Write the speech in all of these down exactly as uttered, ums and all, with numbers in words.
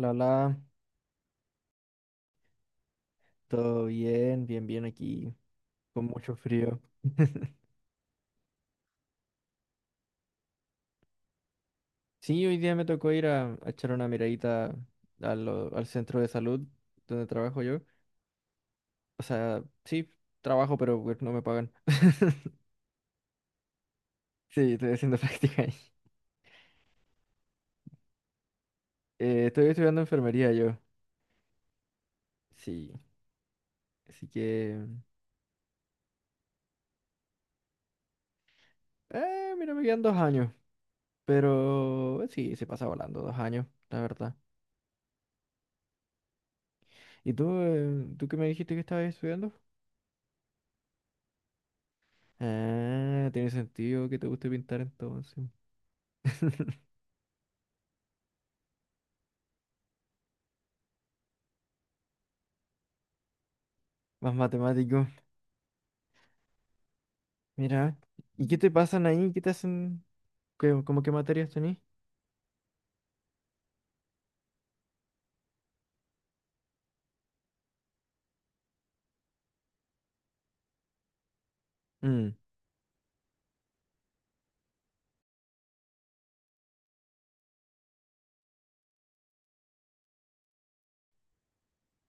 Lala, todo bien, bien, bien aquí, con mucho frío. Sí, hoy día me tocó ir a, a echar una miradita a lo- al centro de salud donde trabajo yo. O sea, sí, trabajo, pero pues, no me pagan. Sí, estoy haciendo práctica ahí. Eh, estoy estudiando enfermería yo. Sí, así que... Eh, mira, me quedan dos años, pero eh, sí, se pasa volando dos años, la verdad. ¿Y tú, eh, tú qué me dijiste que estabas estudiando? Ah, tiene sentido que te guste pintar entonces. Más matemático. Mira. ¿Y qué te pasan ahí? ¿Qué te hacen? ¿Qué- ¿Cómo qué materias tenés? Mm.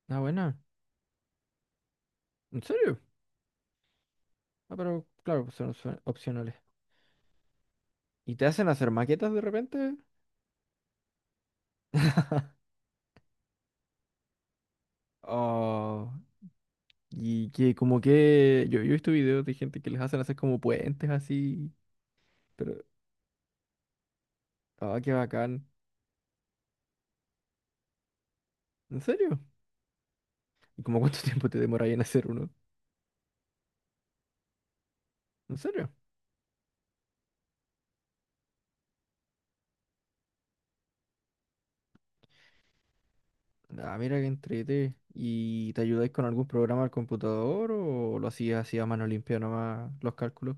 Ah, buena. ¿En serio? Ah, pero claro, son, son opcionales. ¿Y te hacen hacer maquetas de repente? Oh, y que como que yo, yo he visto videos de gente que les hacen hacer como puentes así, pero ah, qué bacán. ¿En serio? ¿Y como cuánto tiempo te demoráis en hacer uno? ¿En serio? Ah, mira que entrete. ¿Y te ayudáis con algún programa al computador o lo hacías así a mano limpia nomás los cálculos?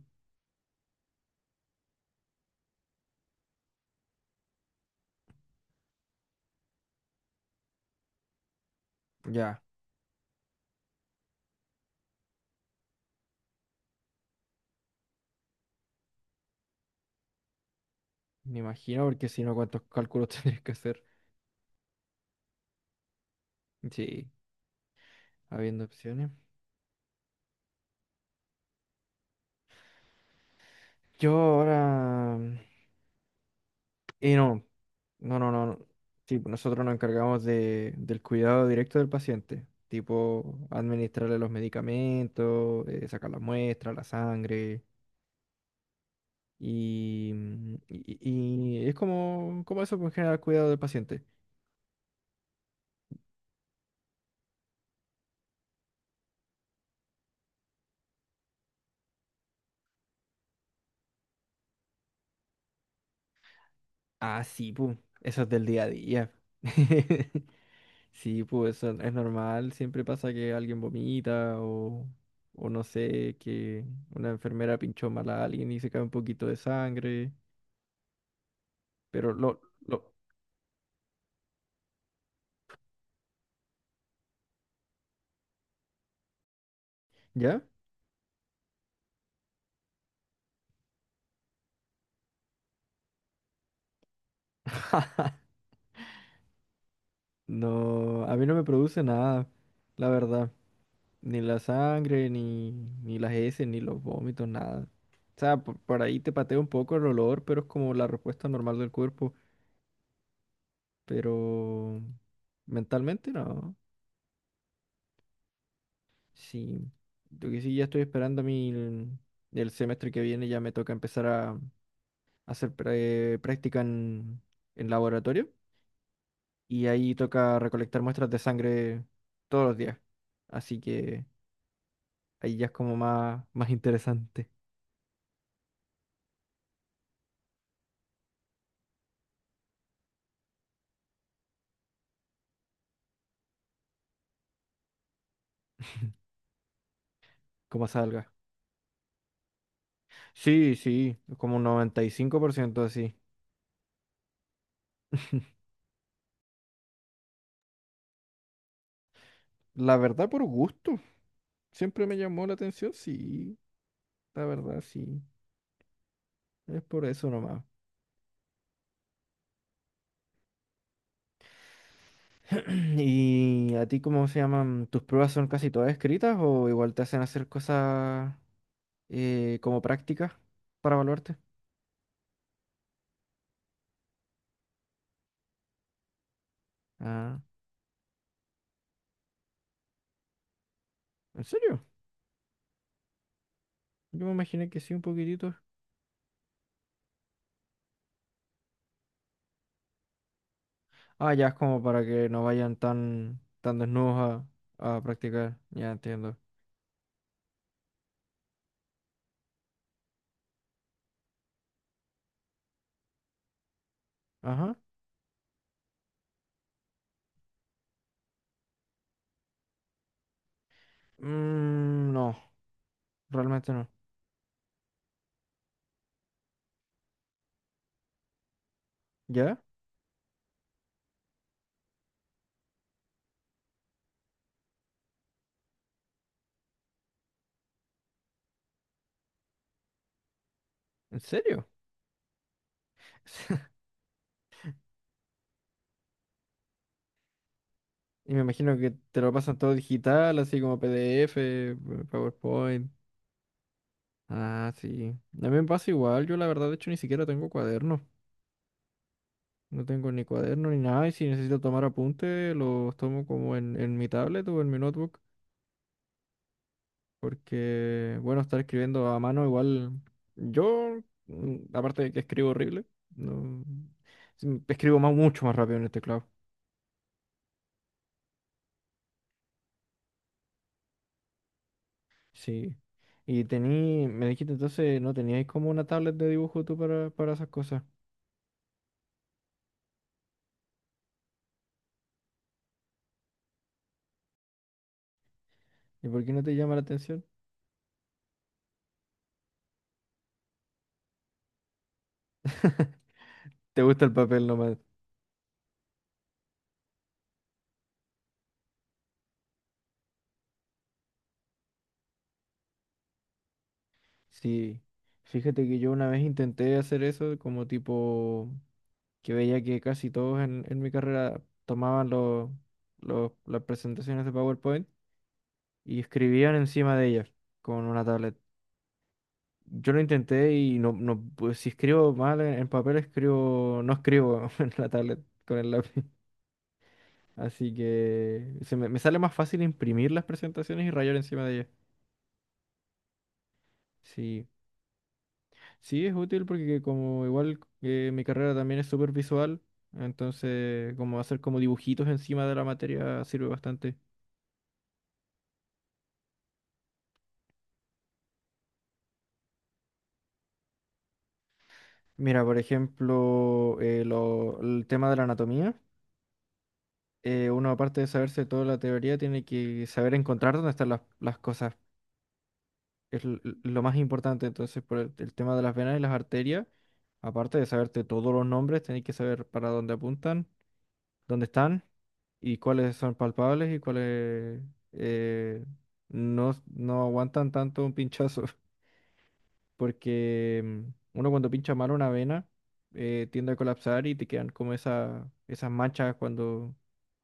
Ya, me imagino, porque si no, ¿cuántos cálculos tendrías que hacer? Sí, habiendo opciones. Yo ahora... mm, y no, no, no, no, no. Sí, pues nosotros nos encargamos de, del cuidado directo del paciente, tipo administrarle los medicamentos, eh, sacar las muestras, la sangre. Y, mm, y- y- y es como, como eso, pues, en general, cuidado del paciente. Ah, sí, pues, eso es del día a día. Sí, pues eso es normal, siempre pasa que alguien vomita o, o no sé, que una enfermera pinchó mal a alguien y se cae un poquito de sangre, pero lo, lo, ¿ya? No, a mí no me produce nada, la verdad, ni la sangre, ni, ni las heces, ni los vómitos, nada. O sea, por, por ahí te patea un poco el olor, pero es como la respuesta normal del cuerpo. Pero mentalmente no. Sí, lo que sí ya estoy esperando a mí el, el semestre que viene ya me toca empezar a, hacer pre- práctica en, en laboratorio y ahí toca recolectar muestras de sangre todos los días. Así que ahí ya es como más, más interesante cómo salga. Sí, sí, como un noventa y cinco por ciento así. La verdad por gusto. Siempre me llamó la atención, sí, la verdad sí. Es por eso nomás. ¿Y a ti cómo se llaman? ¿Tus pruebas son casi todas escritas o igual te hacen hacer cosas eh, como prácticas para evaluarte? Ah, ¿en serio? Yo me imaginé que sí, un poquitito. Ah, ya es como para que no vayan tan, tan desnudos a, a practicar. Ya entiendo. Ajá. Mm, no, realmente no. ¿Ya? ¿En serio? Y me imagino que te lo pasan todo digital, así como PDF, PowerPoint. Ah, sí. A mí me pasa igual. Yo la verdad, de hecho, ni siquiera tengo cuaderno. No tengo ni cuaderno ni nada. Y si necesito tomar apunte, los tomo como en, en mi tablet o en mi notebook. Porque, bueno, estar escribiendo a mano igual. Yo, mm, aparte de que escribo horrible, no... sí, escribo más, mucho más rápido en el teclado. Sí. Y tení, me dijiste entonces, ¿no teníais como una tablet de dibujo tú para, para esas cosas? ¿Y por qué no te llama la atención? ¿Te gusta el papel nomás? Sí, fíjate que yo una vez intenté hacer eso, como tipo que veía que casi todos en, en mi carrera tomaban los, los- las presentaciones de PowerPoint y escribían encima de ellas con una tablet. Yo lo intenté y no, no, pues, si escribo mal en, en papel, escribo, no escribo en la tablet con el lápiz. Así que se me, me sale más fácil imprimir las presentaciones y rayar encima de ellas. Sí. Sí, es útil porque como igual eh, mi carrera también es súper visual, entonces como hacer como dibujitos encima de la materia sirve bastante. Mira, por ejemplo, eh, lo- el tema de la anatomía, eh, uno aparte de saberse toda la teoría, tiene que saber encontrar dónde están las, las cosas, es l- l- lo más importante, entonces por el, el tema de las venas y las arterias, aparte de saberte todos los nombres, tenés que saber para dónde apuntan, dónde están. Y cuáles son palpables y cuáles eh, no, no aguantan tanto un pinchazo. Porque mm, uno cuando pincha mal una vena eh, tiende a colapsar y te quedan como esa, esas manchas cuando,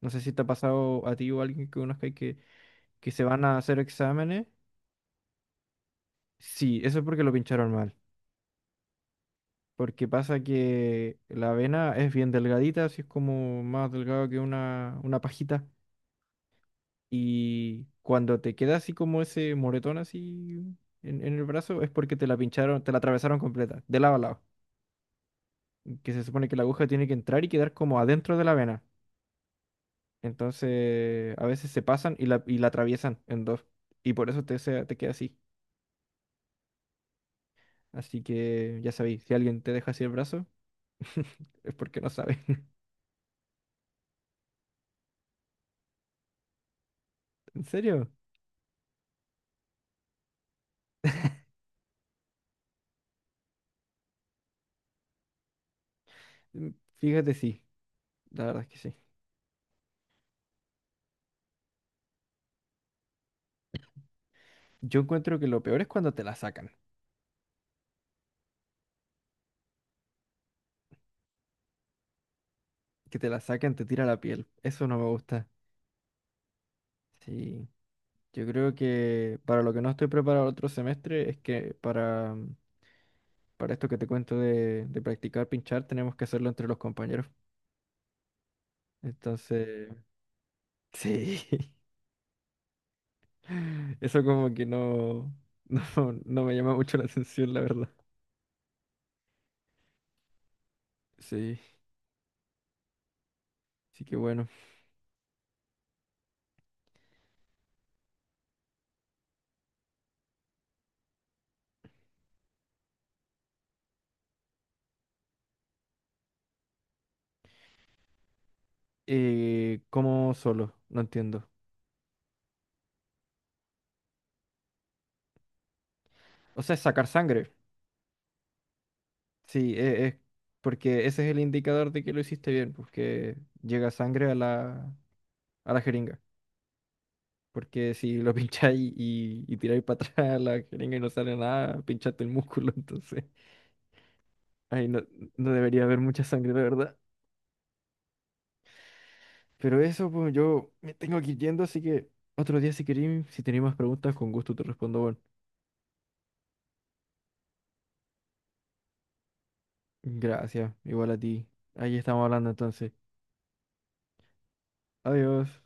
no sé si te ha pasado a ti o a alguien que conozca que, que se van a hacer exámenes. Sí, eso es porque lo pincharon mal. Porque pasa que la vena es bien delgadita, así es como más delgado que una, una pajita. Y cuando te queda así como ese moretón así en, en el brazo, es porque te la pincharon, te la atravesaron completa, de lado a lado. Que se supone que la aguja tiene que entrar y quedar como adentro de la vena. Entonces, a veces se pasan y la, y la atraviesan en dos. Y por eso te, se- te queda así. Así que ya sabéis, si alguien te deja así el brazo, es porque no sabe. ¿En serio? Mm, Fíjate, sí. La verdad es que sí. Yo encuentro que lo peor es cuando te la sacan. Que te la sacan, te tira la piel. Eso no me gusta. Sí. Yo creo que para lo que no estoy preparado el otro semestre es que para, para esto que te cuento de, de practicar pinchar tenemos que hacerlo entre los compañeros. Entonces, sí, eso como que no, no, no me llama mucho la atención, la verdad. Sí, sí que bueno. Eh, ¿cómo solo? No entiendo. O sea, sacar sangre. Sí, e- es, porque ese es el indicador de que lo hiciste bien, porque llega sangre a la, a la jeringa. Porque si lo pincháis y, y tiráis para atrás la jeringa y no sale nada, pinchaste el músculo, entonces ahí no, no debería haber mucha sangre, la verdad. Pero eso, pues yo me tengo que ir yendo, así que otro día si queréis, si tenéis más preguntas, con gusto te respondo, bueno. Gracias, igual a ti. Ahí estamos hablando entonces. Adiós.